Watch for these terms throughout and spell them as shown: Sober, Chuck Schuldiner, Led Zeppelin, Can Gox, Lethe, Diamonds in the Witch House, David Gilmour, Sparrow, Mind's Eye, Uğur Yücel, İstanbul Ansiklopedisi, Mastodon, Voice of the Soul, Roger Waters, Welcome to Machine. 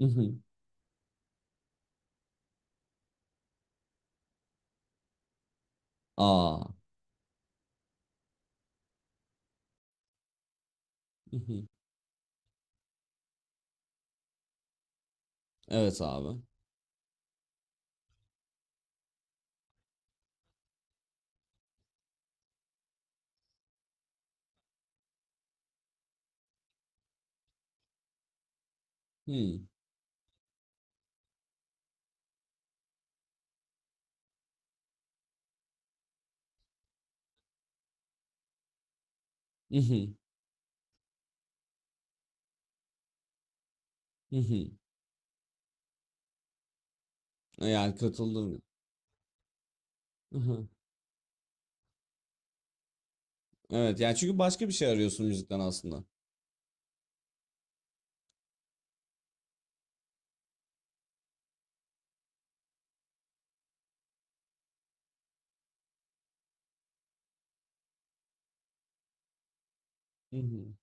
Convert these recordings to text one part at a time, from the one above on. Mhm. Aa. Mhm. Evet abi. Hmm. Mhm. Mhm. Yani katıldım. Mhm. Evet, yani çünkü başka bir şey arıyorsun müzikten aslında. Mhm.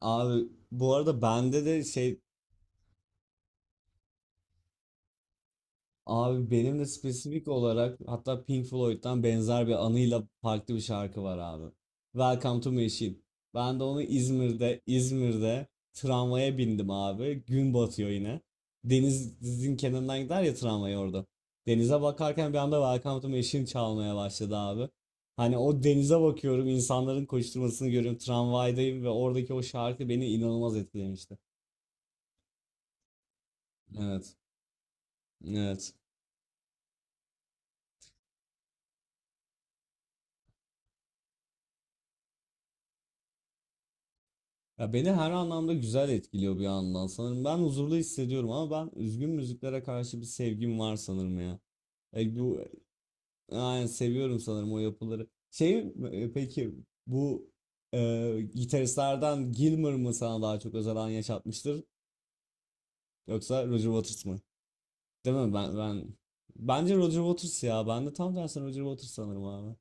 Abi bu arada bende de şey Abi benim de spesifik olarak, hatta Pink Floyd'dan benzer bir anıyla farklı bir şarkı var abi. Welcome to Machine. Ben de onu İzmir'de tramvaya bindim abi. Gün batıyor yine. Denizin kenarından gider ya tramvay orada. Denize bakarken bir anda Welcome to Machine çalmaya başladı abi. Hani o denize bakıyorum, insanların koşturmasını görüyorum. Tramvaydayım ve oradaki o şarkı beni inanılmaz etkilemişti. Evet. Evet. Ya beni her anlamda güzel etkiliyor bir yandan sanırım. Ben huzurlu hissediyorum, ama ben üzgün müziklere karşı bir sevgim var sanırım ya. Bu yani, seviyorum sanırım o yapıları. Peki bu gitaristlerden Gilmour mu sana daha çok özel an yaşatmıştır, yoksa Roger Waters mı? Değil mi? Ben bence Roger Waters ya. Ben de tam tersine Roger Waters sanırım abi.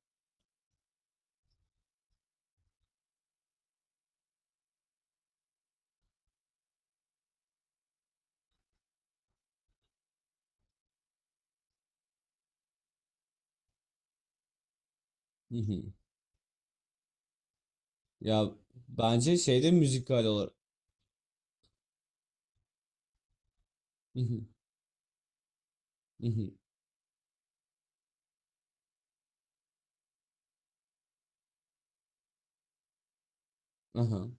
Hı hı. Ya bence şeyde, müzikal olarak. Hı hı. Hı hı. Aha.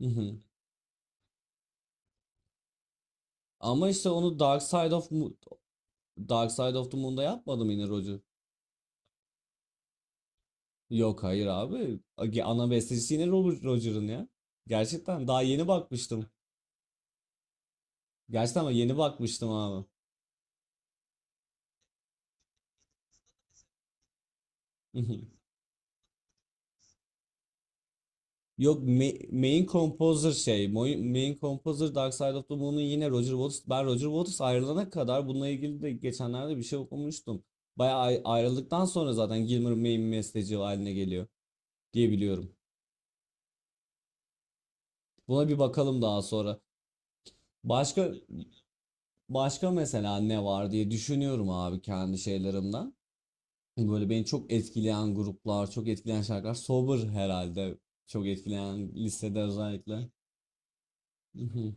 Hı hı. Ama işte onu Dark Side of the Moon'da yapmadım yine Roger. Yok, hayır abi. Ana bestecisi yine Robert Roger'ın ya. Gerçekten daha yeni bakmıştım. Gerçekten ama yeni bakmıştım abi. Yok ma- Main composer şey. Main composer Dark Side of the Moon'un yine Roger Waters. Ben Roger Waters ayrılana kadar bununla ilgili de geçenlerde bir şey okumuştum. Bayağı ayrıldıktan sonra zaten Gilmour main besteci haline geliyor diye biliyorum. Buna bir bakalım daha sonra. Başka Başka mesela ne var diye düşünüyorum abi, kendi şeylerimden. Böyle beni çok etkileyen gruplar, çok etkileyen şarkılar. Sober herhalde. Çok etkileyen lisede özellikle. Mhm.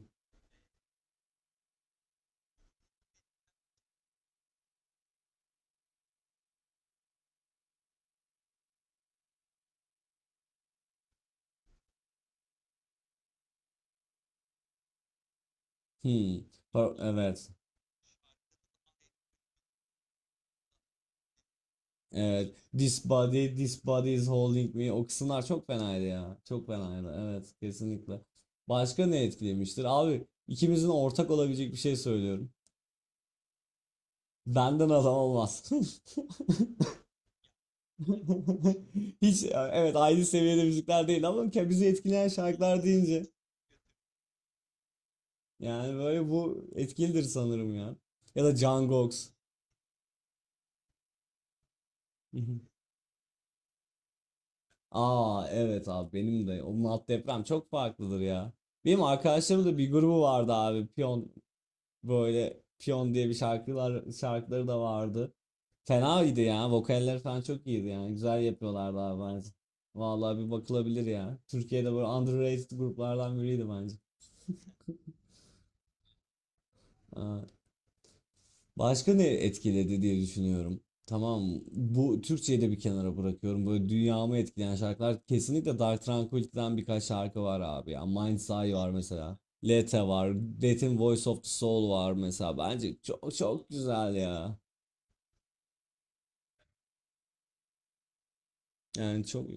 Hmm. Evet. Evet. This body, this body is holding me. O kısımlar çok fenaydı ya. Çok fenaydı. Evet, kesinlikle. Başka ne etkilemiştir? Abi ikimizin ortak olabilecek bir şey söylüyorum. Benden adam olmaz. Hiç evet aynı seviyede müzikler değil, ama bizi etkileyen şarkılar deyince yani böyle bu etkilidir sanırım ya. Ya da Can Gox. Hı hı. Aa evet abi, benim de onun alt deprem çok farklıdır ya. Benim arkadaşlarımın da bir grubu vardı abi. Piyon, böyle Piyon diye bir şarkıları da vardı. Fena idi ya. Vokaller falan çok iyiydi yani. Güzel yapıyorlardı abi bence. Vallahi bir bakılabilir ya. Türkiye'de böyle underrated gruplardan biriydi bence. Başka ne etkiledi diye düşünüyorum. Tamam, bu Türkçeyi de bir kenara bırakıyorum. Böyle dünyamı etkileyen şarkılar kesinlikle Dark Tranquillity'den birkaç şarkı var abi ya. Mind's Eye var mesela. Lete var. Death'in Voice of the Soul var mesela. Bence çok çok güzel ya. Yani çok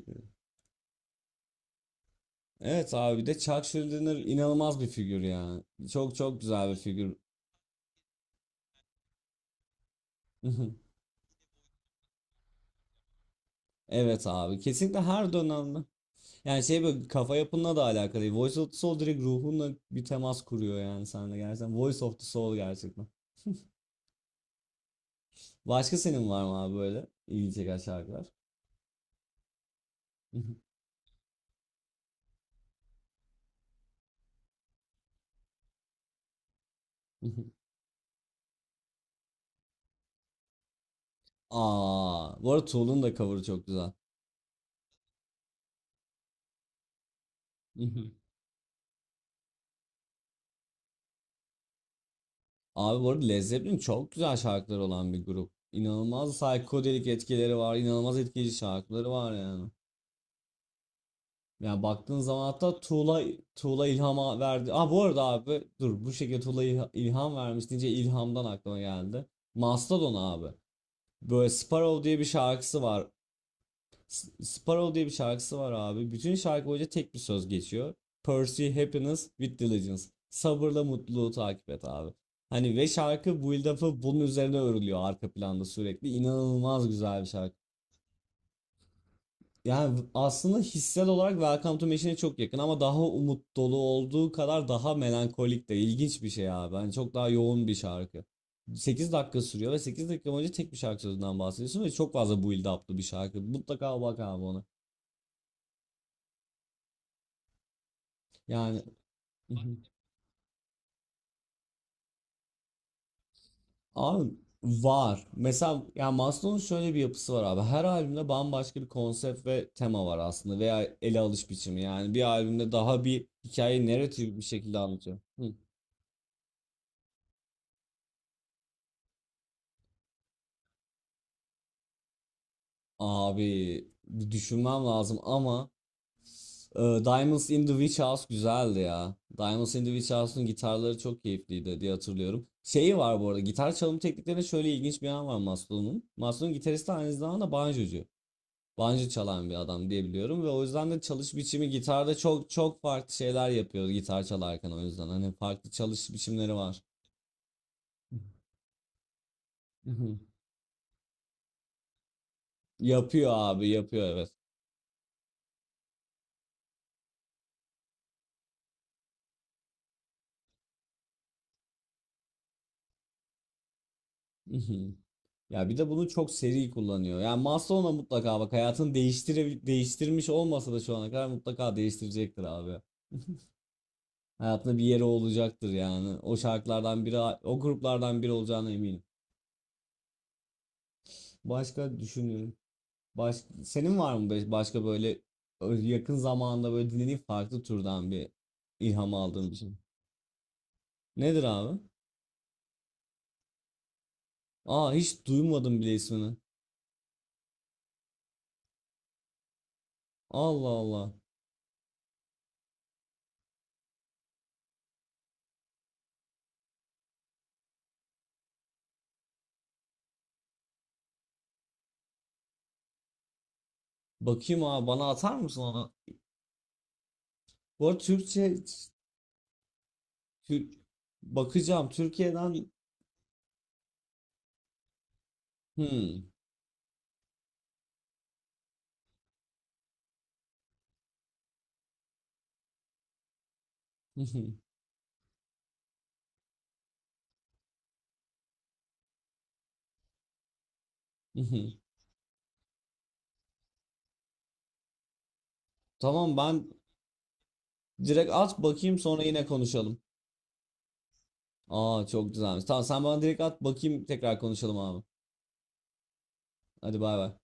Evet abi, bir de Chuck Schuldiner inanılmaz bir figür ya. Çok çok güzel bir figür. Evet abi, kesinlikle her dönemde. Yani şey, böyle kafa yapınla da alakalı değil. Voice of the Soul direkt ruhunla bir temas kuruyor yani sende, gerçekten. Voice of the Soul gerçekten. Başka senin var mı abi böyle ilgi çeken şarkılar? Aa, bu arada Tool'un da cover'ı çok güzel. Abi bu arada Led Zeppelin çok güzel şarkılar olan bir grup. İnanılmaz psikodelik etkileri var, inanılmaz etkileyici şarkıları var yani. Yani baktığın zaman, hatta Tuğla ilhama verdi. Aa bu arada abi dur, bu şekilde Tuğla ilham vermiş deyince ilhamdan aklıma geldi. Mastodon abi. Böyle Sparrow diye bir şarkısı var. Sparrow diye bir şarkısı var abi. Bütün şarkı boyunca tek bir söz geçiyor. Pursue happiness with diligence. Sabırla mutluluğu takip et abi. Hani, ve şarkı build up'ı bunun üzerine örülüyor arka planda sürekli. İnanılmaz güzel bir şarkı. Yani aslında hissel olarak Welcome to Machine'e çok yakın, ama daha umut dolu olduğu kadar daha melankolik de, ilginç bir şey abi. Hani çok daha yoğun bir şarkı. 8 dakika sürüyor ve 8 dakika boyunca tek bir şarkı sözünden bahsediyorsun ve çok fazla build up'lı bir şarkı. Mutlaka bak abi ona. Yani abi var. Mesela yani Maslow'un şöyle bir yapısı var abi. Her albümde bambaşka bir konsept ve tema var aslında, veya ele alış biçimi. Yani bir albümde daha bir hikayeyi narrative bir şekilde anlatıyor. Hı. Abi bir düşünmem lazım, ama Diamonds in the Witch House güzeldi ya. Diamonds in the Witch House'un gitarları çok keyifliydi diye hatırlıyorum. Şeyi var bu arada, gitar çalım tekniklerinde şöyle ilginç bir yan var Maslow'un. Maslow'un gitaristi aynı zamanda banjocu. Banjo çalan bir adam diye biliyorum ve o yüzden de çalış biçimi gitarda çok çok farklı şeyler yapıyor gitar çalarken, o yüzden hani farklı çalış biçimleri var. Yapıyor abi, yapıyor, evet. Ya bir de bunu çok seri kullanıyor. Yani Maslow'la mutlaka bak, hayatını değiştirmiş olmasa da şu ana kadar mutlaka değiştirecektir abi. Hayatında bir yeri olacaktır yani. O şarkılardan biri, o gruplardan biri olacağına eminim. Başka düşünüyorum. Baş, Senin var mı başka böyle yakın zamanda böyle dinlediğin farklı türden bir ilham aldığın bir şey? Nedir abi? Aa hiç duymadım bile ismini. Allah Allah. Bakayım abi, bana atar mısın onu? Bu arada Türkçe Tür- Bakacağım Türkiye'den. Hmm. Tamam, ben direkt at bakayım, sonra yine konuşalım. Aa çok güzelmiş. Tamam, sen bana direkt at bakayım, tekrar konuşalım abi. Hadi bay bay.